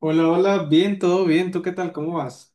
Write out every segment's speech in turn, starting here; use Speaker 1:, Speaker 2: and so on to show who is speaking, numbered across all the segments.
Speaker 1: Hola, hola, bien, todo bien, ¿tú qué tal? ¿Cómo vas?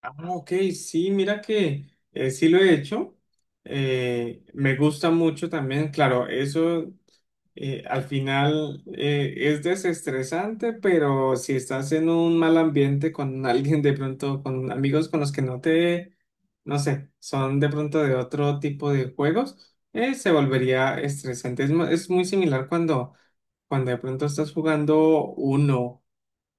Speaker 1: Ah, ok, sí, mira que sí lo he hecho. Me gusta mucho también, claro, eso al final es desestresante, pero si estás en un mal ambiente con alguien de pronto, con amigos con los que no sé, son de pronto de otro tipo de juegos, se volvería estresante. Es, es muy similar cuando de pronto estás jugando uno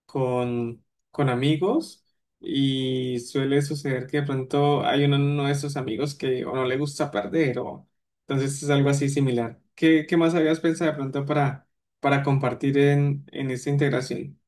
Speaker 1: con, con amigos y suele suceder que de pronto hay uno de esos amigos que o no le gusta perder o entonces es algo así similar. ¿Qué más habías pensado de pronto para compartir en esta integración?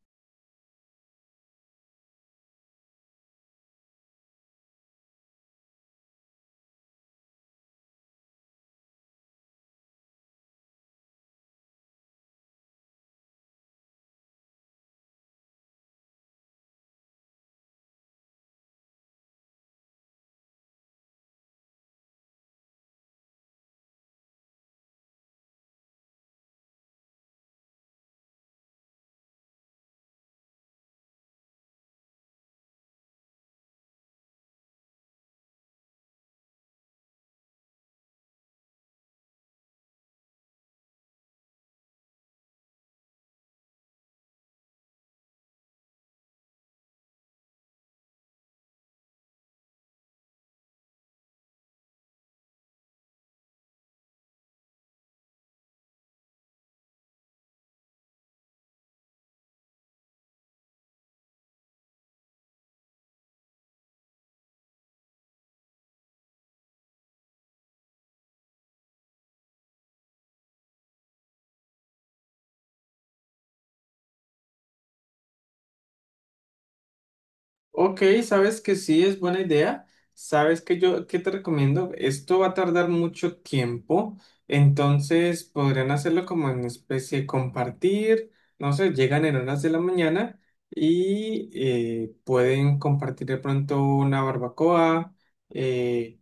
Speaker 1: Ok, sabes que sí es buena idea. Sabes que yo qué te recomiendo, esto va a tardar mucho tiempo, entonces podrían hacerlo como en especie de compartir, no sé, llegan en horas de la mañana y pueden compartir de pronto una barbacoa, eh,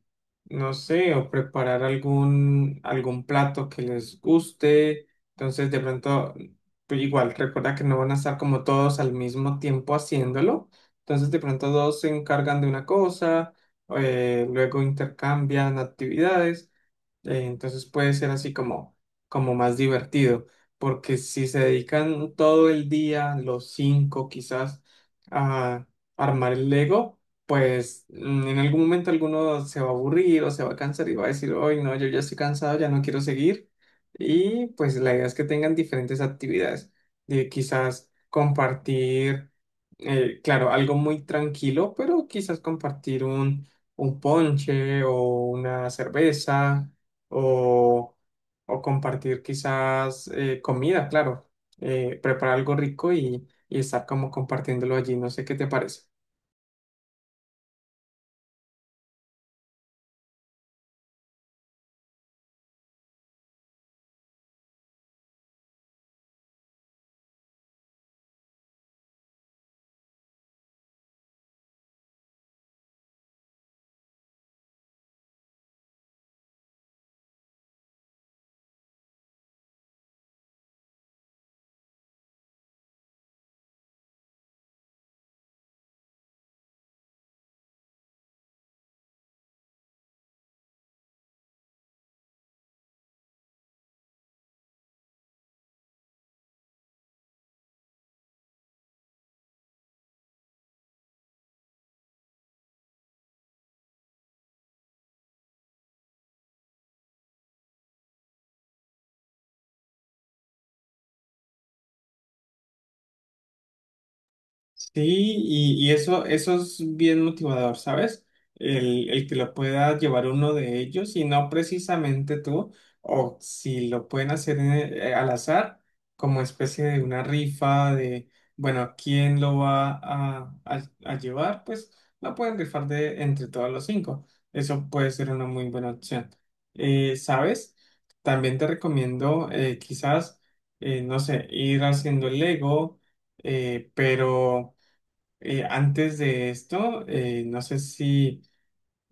Speaker 1: no sé, o preparar algún plato que les guste. Entonces de pronto, pues igual, recuerda que no van a estar como todos al mismo tiempo haciéndolo entonces, de pronto dos se encargan de una cosa, luego intercambian actividades, entonces puede ser así como más divertido, porque si se dedican todo el día, los cinco quizás, a armar el Lego, pues en algún momento alguno se va a aburrir o se va a cansar y va a decir, hoy no, yo ya estoy cansado, ya no quiero seguir. Y pues la idea es que tengan diferentes actividades, de quizás compartir, claro, algo muy tranquilo, pero quizás compartir un ponche o una cerveza o, o compartir quizás comida, claro, preparar algo rico y estar como compartiéndolo allí, no sé qué te parece. Sí, y eso es bien motivador, ¿sabes? El que lo pueda llevar uno de ellos y no precisamente tú, o si lo pueden hacer al azar, como especie de una rifa de, bueno, ¿quién lo va a llevar? Pues lo pueden rifar de entre todos los cinco. Eso puede ser una muy buena opción. ¿Sabes? También te recomiendo quizás, no sé, ir haciendo el Lego, pero... Antes de esto, no sé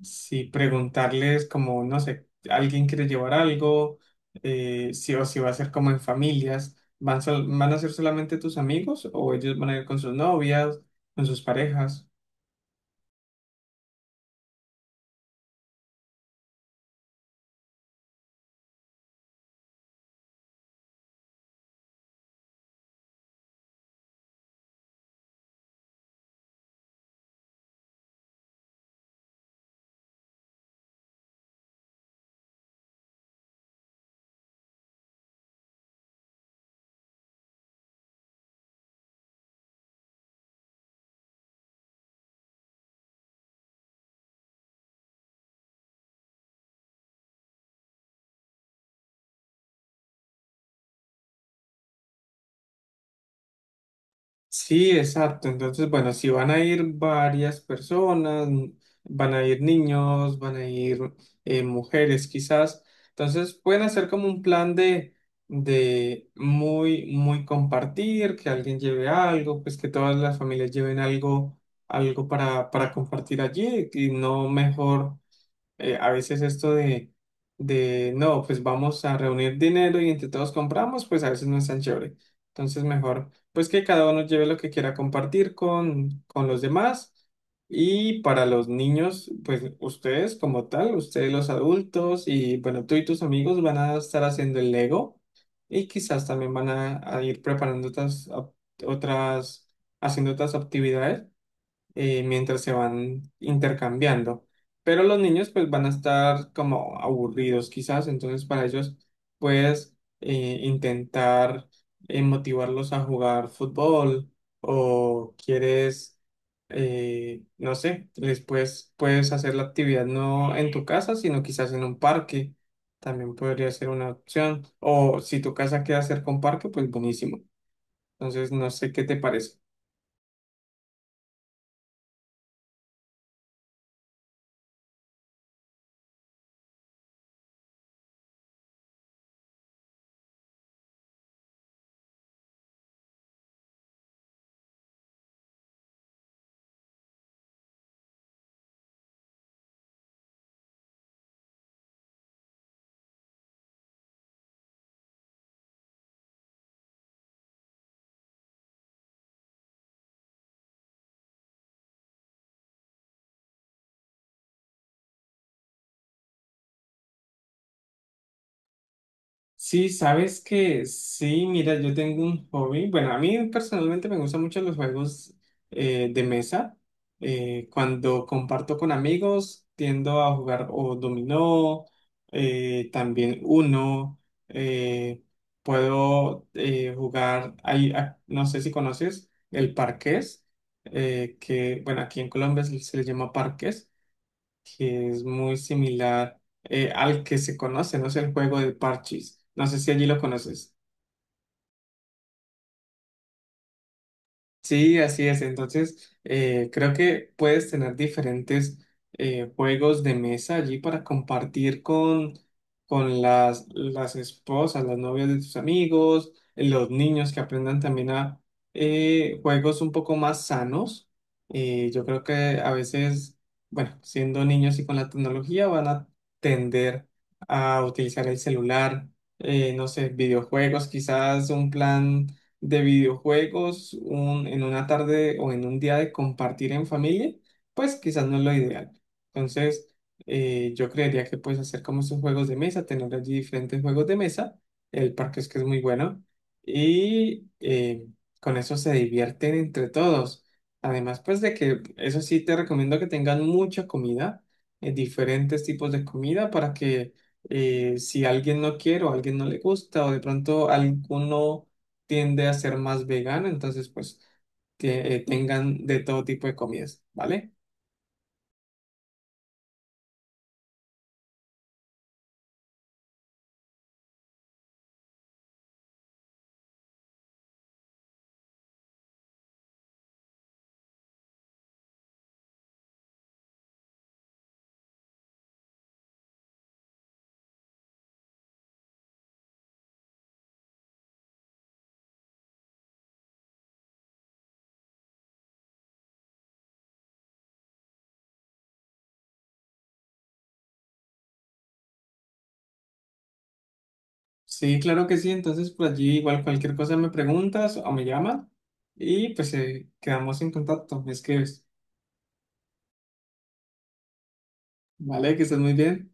Speaker 1: si preguntarles como, no sé, alguien quiere llevar algo, si, o si va a ser como en familias, ¿van a ser solamente tus amigos o ellos van a ir con sus novias, con sus parejas? Sí, exacto. Entonces, bueno, si van a ir varias personas, van a ir niños, van a ir mujeres quizás, entonces pueden hacer como un plan de muy, muy compartir, que alguien lleve algo, pues que todas las familias lleven algo, algo para compartir allí y no mejor a veces esto no, pues vamos a reunir dinero y entre todos compramos, pues a veces no es tan chévere. Entonces mejor, pues que cada uno lleve lo que quiera compartir con los demás. Y para los niños, pues ustedes como tal, ustedes los adultos y bueno, tú y tus amigos van a estar haciendo el Lego y quizás también van a ir preparando otras, otras, haciendo otras actividades, mientras se van intercambiando. Pero los niños pues van a estar como aburridos quizás, entonces para ellos puedes intentar motivarlos a jugar fútbol o quieres, no sé, les puedes, puedes hacer la actividad no en tu casa, sino quizás en un parque. También podría ser una opción. O si tu casa queda cerca a un parque, pues buenísimo. Entonces, no sé qué te parece. Sí, sabes que sí, mira, yo tengo un hobby. Bueno, a mí personalmente me gustan mucho los juegos de mesa. Cuando comparto con amigos, tiendo a jugar o dominó, también uno, eh, puedo jugar, hay, ah, no sé si conoces el parqués, que bueno, aquí en Colombia se le llama parqués que es muy similar al que se conoce, no sé, el juego de parches. No sé si allí lo conoces. Sí, así es. Entonces, creo que puedes tener diferentes juegos de mesa allí para compartir con las esposas, las novias de tus amigos, los niños que aprendan también a juegos un poco más sanos. Yo creo que a veces, bueno, siendo niños y con la tecnología van a tender a utilizar el celular, no sé, videojuegos, quizás un plan de videojuegos en una tarde o en un día de compartir en familia, pues quizás no es lo ideal. Entonces, yo creería que puedes hacer como esos juegos de mesa, tener allí diferentes juegos de mesa. El parque es que es muy bueno y con eso se divierten entre todos. Además, pues de que eso sí te recomiendo que tengan mucha comida, diferentes tipos de comida para que si alguien no quiere o alguien no le gusta o de pronto alguno tiende a ser más vegana, entonces pues que tengan de todo tipo de comidas, ¿vale? Sí, claro que sí, entonces por allí igual cualquier cosa me preguntas o me llamas y pues quedamos en contacto, me escribes, ¿vale? Que estés muy bien.